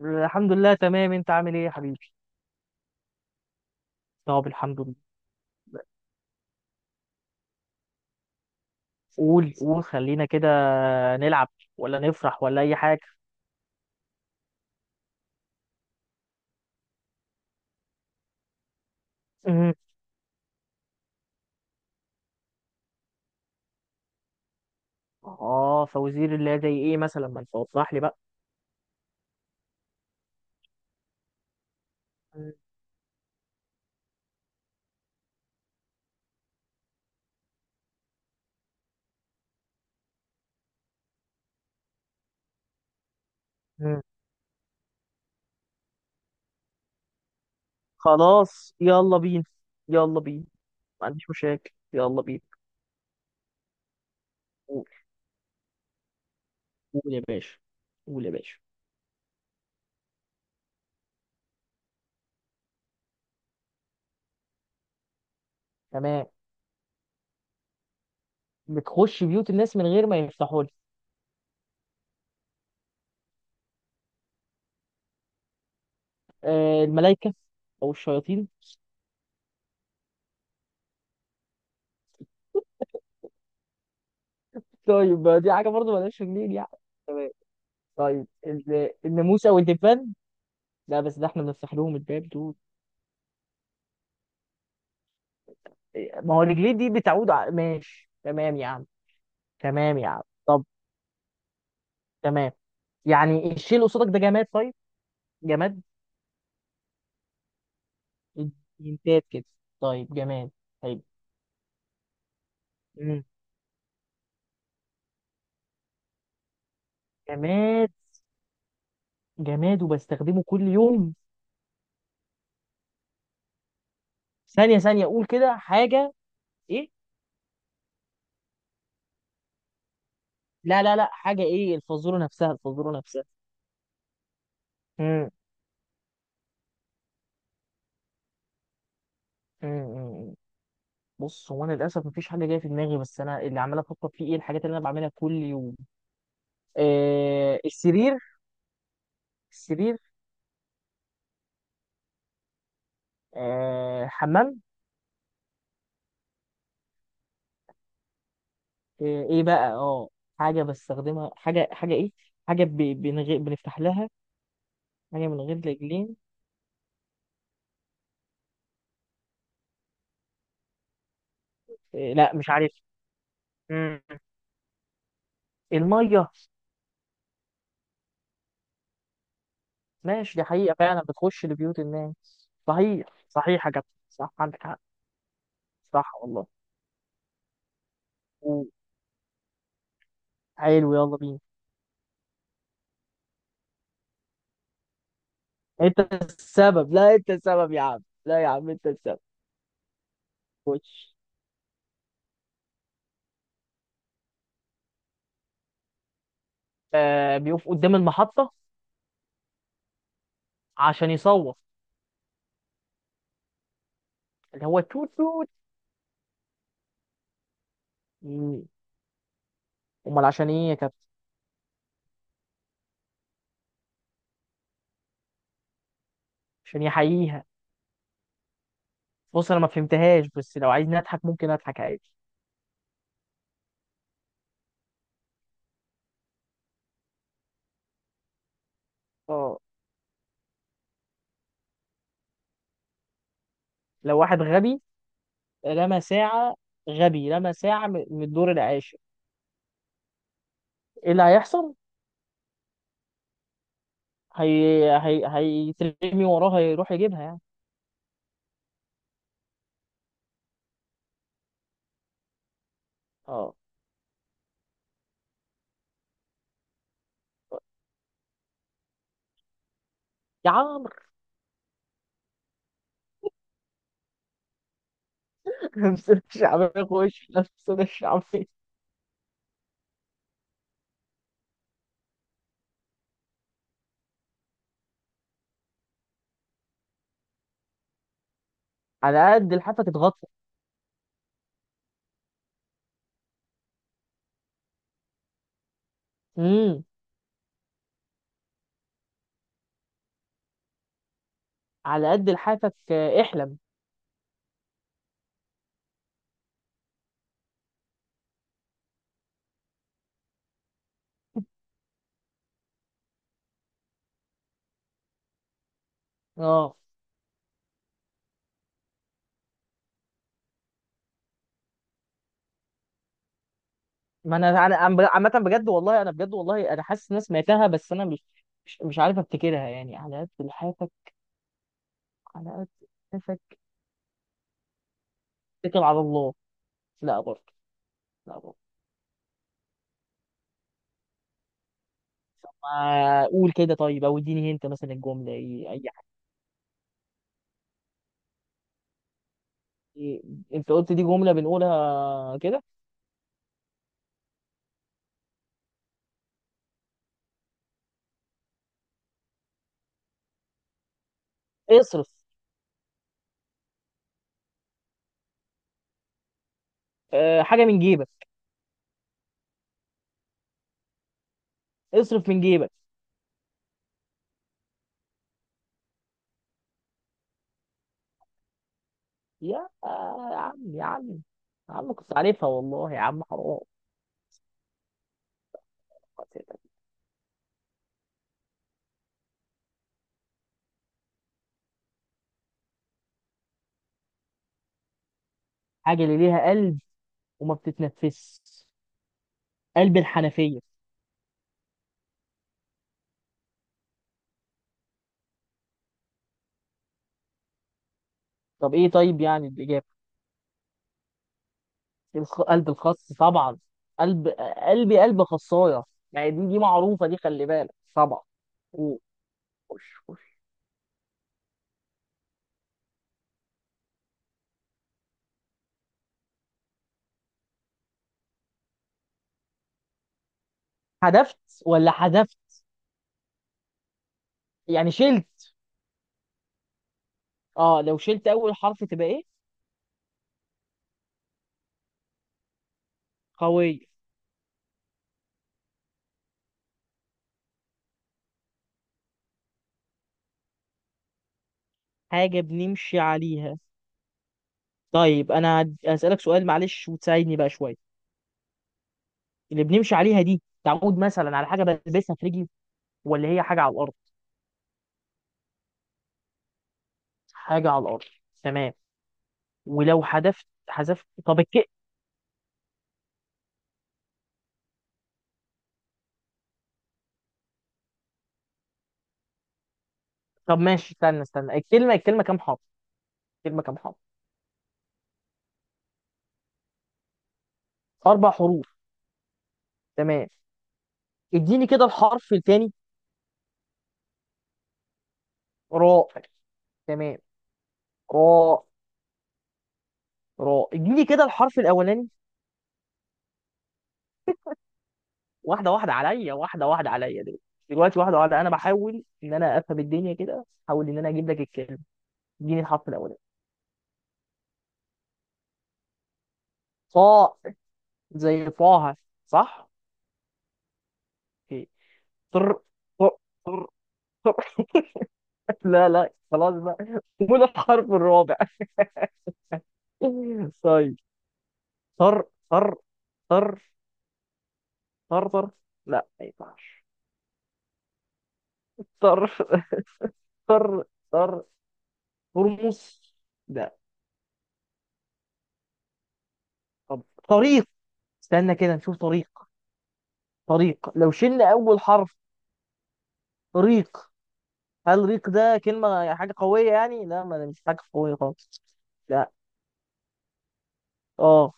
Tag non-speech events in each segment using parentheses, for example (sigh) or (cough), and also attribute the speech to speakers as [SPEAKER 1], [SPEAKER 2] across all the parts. [SPEAKER 1] الحمد لله، تمام. انت عامل ايه يا حبيبي؟ طب الحمد لله. قول خلينا كده نلعب، ولا نفرح، ولا اي حاجه. مم. اه، فوزير، الله، زي ايه مثلا؟ ما انت وضح لي بقى. مم. خلاص، يلا بينا، يلا بينا، ما عنديش مشاكل، يلا بينا. قول قول يا باشا. قول يا باشا. تمام. بتخش بيوت الناس من غير ما يفتحوا لك. آه، الملائكه او الشياطين. طيب، ما دي حاجه برضه مالهاش رجلين يعني. تمام. طيب، الناموس او الدبان. لا، بس ده احنا بنفتح لهم الباب دول. إيه، ما هو رجليه دي بتعود ماشي تمام يا عم. تمام يا عم، طب. تمام. يعني الشيء اللي قصادك ده جماد؟ طيب، جماد. انتات كده. طيب جماد. طيب. مم. جماد. جماد وبستخدمه كل يوم. ثانية ثانية، أقول كده حاجة. إيه؟ لا لا لا، حاجة إيه؟ الفازورة نفسها، الفازورة نفسها. مم. مم. مم. بص، هو أنا للأسف مفيش حاجة جاية في دماغي، بس أنا اللي عمال أفكر فيه إيه الحاجات اللي أنا بعملها كل يوم. آه، السرير. السرير. آه، حمام. آه، ايه بقى؟ اه، حاجة بستخدمها. حاجة ايه. حاجة من غير بنفتح لها. حاجة من غير رجلين. آه، لا، مش عارف. مم. المية. ماشي، دي حقيقة فعلا بتخش لبيوت الناس، صحيح، صحيح يا كابتن، صح عندك حق. صح والله. و- حلو، يلا بينا. انت السبب، لا، انت السبب يا عم، لا يا عم، انت السبب. خش. آه، بيقف قدام المحطة. عشان يصوت. اللي هو توت توت. مم. امال عشان ايه يا كابتن؟ عشان يحييها. بص انا ما فهمتهاش، بس لو عايزني اضحك ممكن اضحك عادي. اه. لو واحد غبي رمى ساعة، غبي رمى ساعة من الدور العاشر، ايه اللي هيحصل؟ هي هيترمي وراه هيروح يجيبها يعني؟ اه. يا عمرو. (laughs) لمسنا الشعبية في وشي، لمسنا الشعبية. على قد لحافك اتغطى. امم. على قد لحافك، احلم. اه. ما انا عامة بجد والله، انا بجد والله، انا حاسس ان انا سمعتها، بس انا مش، عارف افتكرها يعني. على قد لحافك. على قد لحافك اتكل على الله. لا، برضه. لا، برضه. طب ما قول كده طيب، او اديني انت مثلا الجمله، اي حاجه. إيه؟ انت قلت دي جمله بنقولها كده. اصرف. أه، حاجه من جيبك. اصرف من جيبك. يا عم، يا عم، يا عم، كنت عارفها والله، يا عم حرام. حاجه اللي ليها قلب وما بتتنفس. قلب الحنفيه. طب ايه، طيب يعني الاجابه؟ قلب الخس طبعا. قلب. قلبي قلب خصايه. يعني دي معروفه دي، خلي بالك طبعا. خش. خش. حذفت ولا حذفت يعني شلت؟ اه، لو شلت اول حرف تبقى ايه؟ قوية. حاجة بنمشي عليها. طيب، انا هسألك سؤال، معلش وتساعدني بقى شوية. اللي بنمشي عليها دي تعود مثلا على حاجة بلبسها في رجلي، ولا هي حاجة على الارض؟ حاجة على الارض. تمام. ولو حذفت طب طب ماشي، استنى استنى، الكلمة كام حرف؟ الكلمة كام حرف؟ اربع حروف. تمام. اديني كده الحرف الثاني. راء. تمام. راء. راء، اديني كده الحرف الاولاني. واحده واحده عليا، واحده واحده عليا دلوقتي، دلوقتي واحده واحده، انا بحاول ان انا افهم الدنيا كده، احاول ان انا اجيب لك الكلمه. اديني الحرف الاولاني. صاء. زي فاها. صح. اوكي. طر، طر، طر، طر. (laughs) لا لا، خلاص بقى. قول الحرف الرابع (laughs) طيب. طر، طر، طر، طر، طر. لا، ما ينفعش. طر، طر، طر. ترمس. لا. طب. طريق. استنى كده نشوف، طريق. طريق، لو شلنا اول حرف، ريق. هل ريق ده كلمه يعني حاجه قويه؟ يعني لا، ما ده مش حاجه قويه خالص. لا. اه.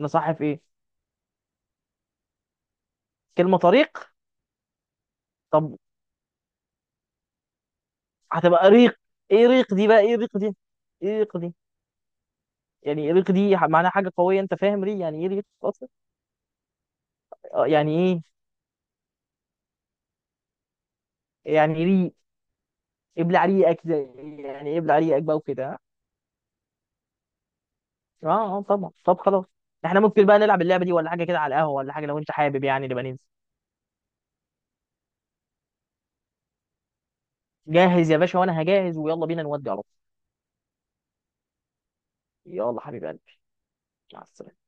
[SPEAKER 1] انا صح في ايه؟ كلمه طريق. طب هتبقى ريق. ايه ريق دي بقى؟ ايه ريق دي؟ ايه ريق دي؟ يعني إيه ريق دي معناها حاجه قويه؟ انت فاهم ري؟ يعني ايه ريق اصلا؟ آه، يعني ايه. يعني ري. ابلع ريقك ده. يعني ابلع ريقك بقى وكده. اه اه طبعا. طب خلاص، احنا ممكن بقى نلعب اللعبه دي ولا حاجه كده على القهوه، ولا حاجه، لو انت حابب يعني نبقى ننزل. جاهز يا باشا، وانا هجهز ويلا بينا نودي على طول. يلا حبيب قلبي. مع السلامة.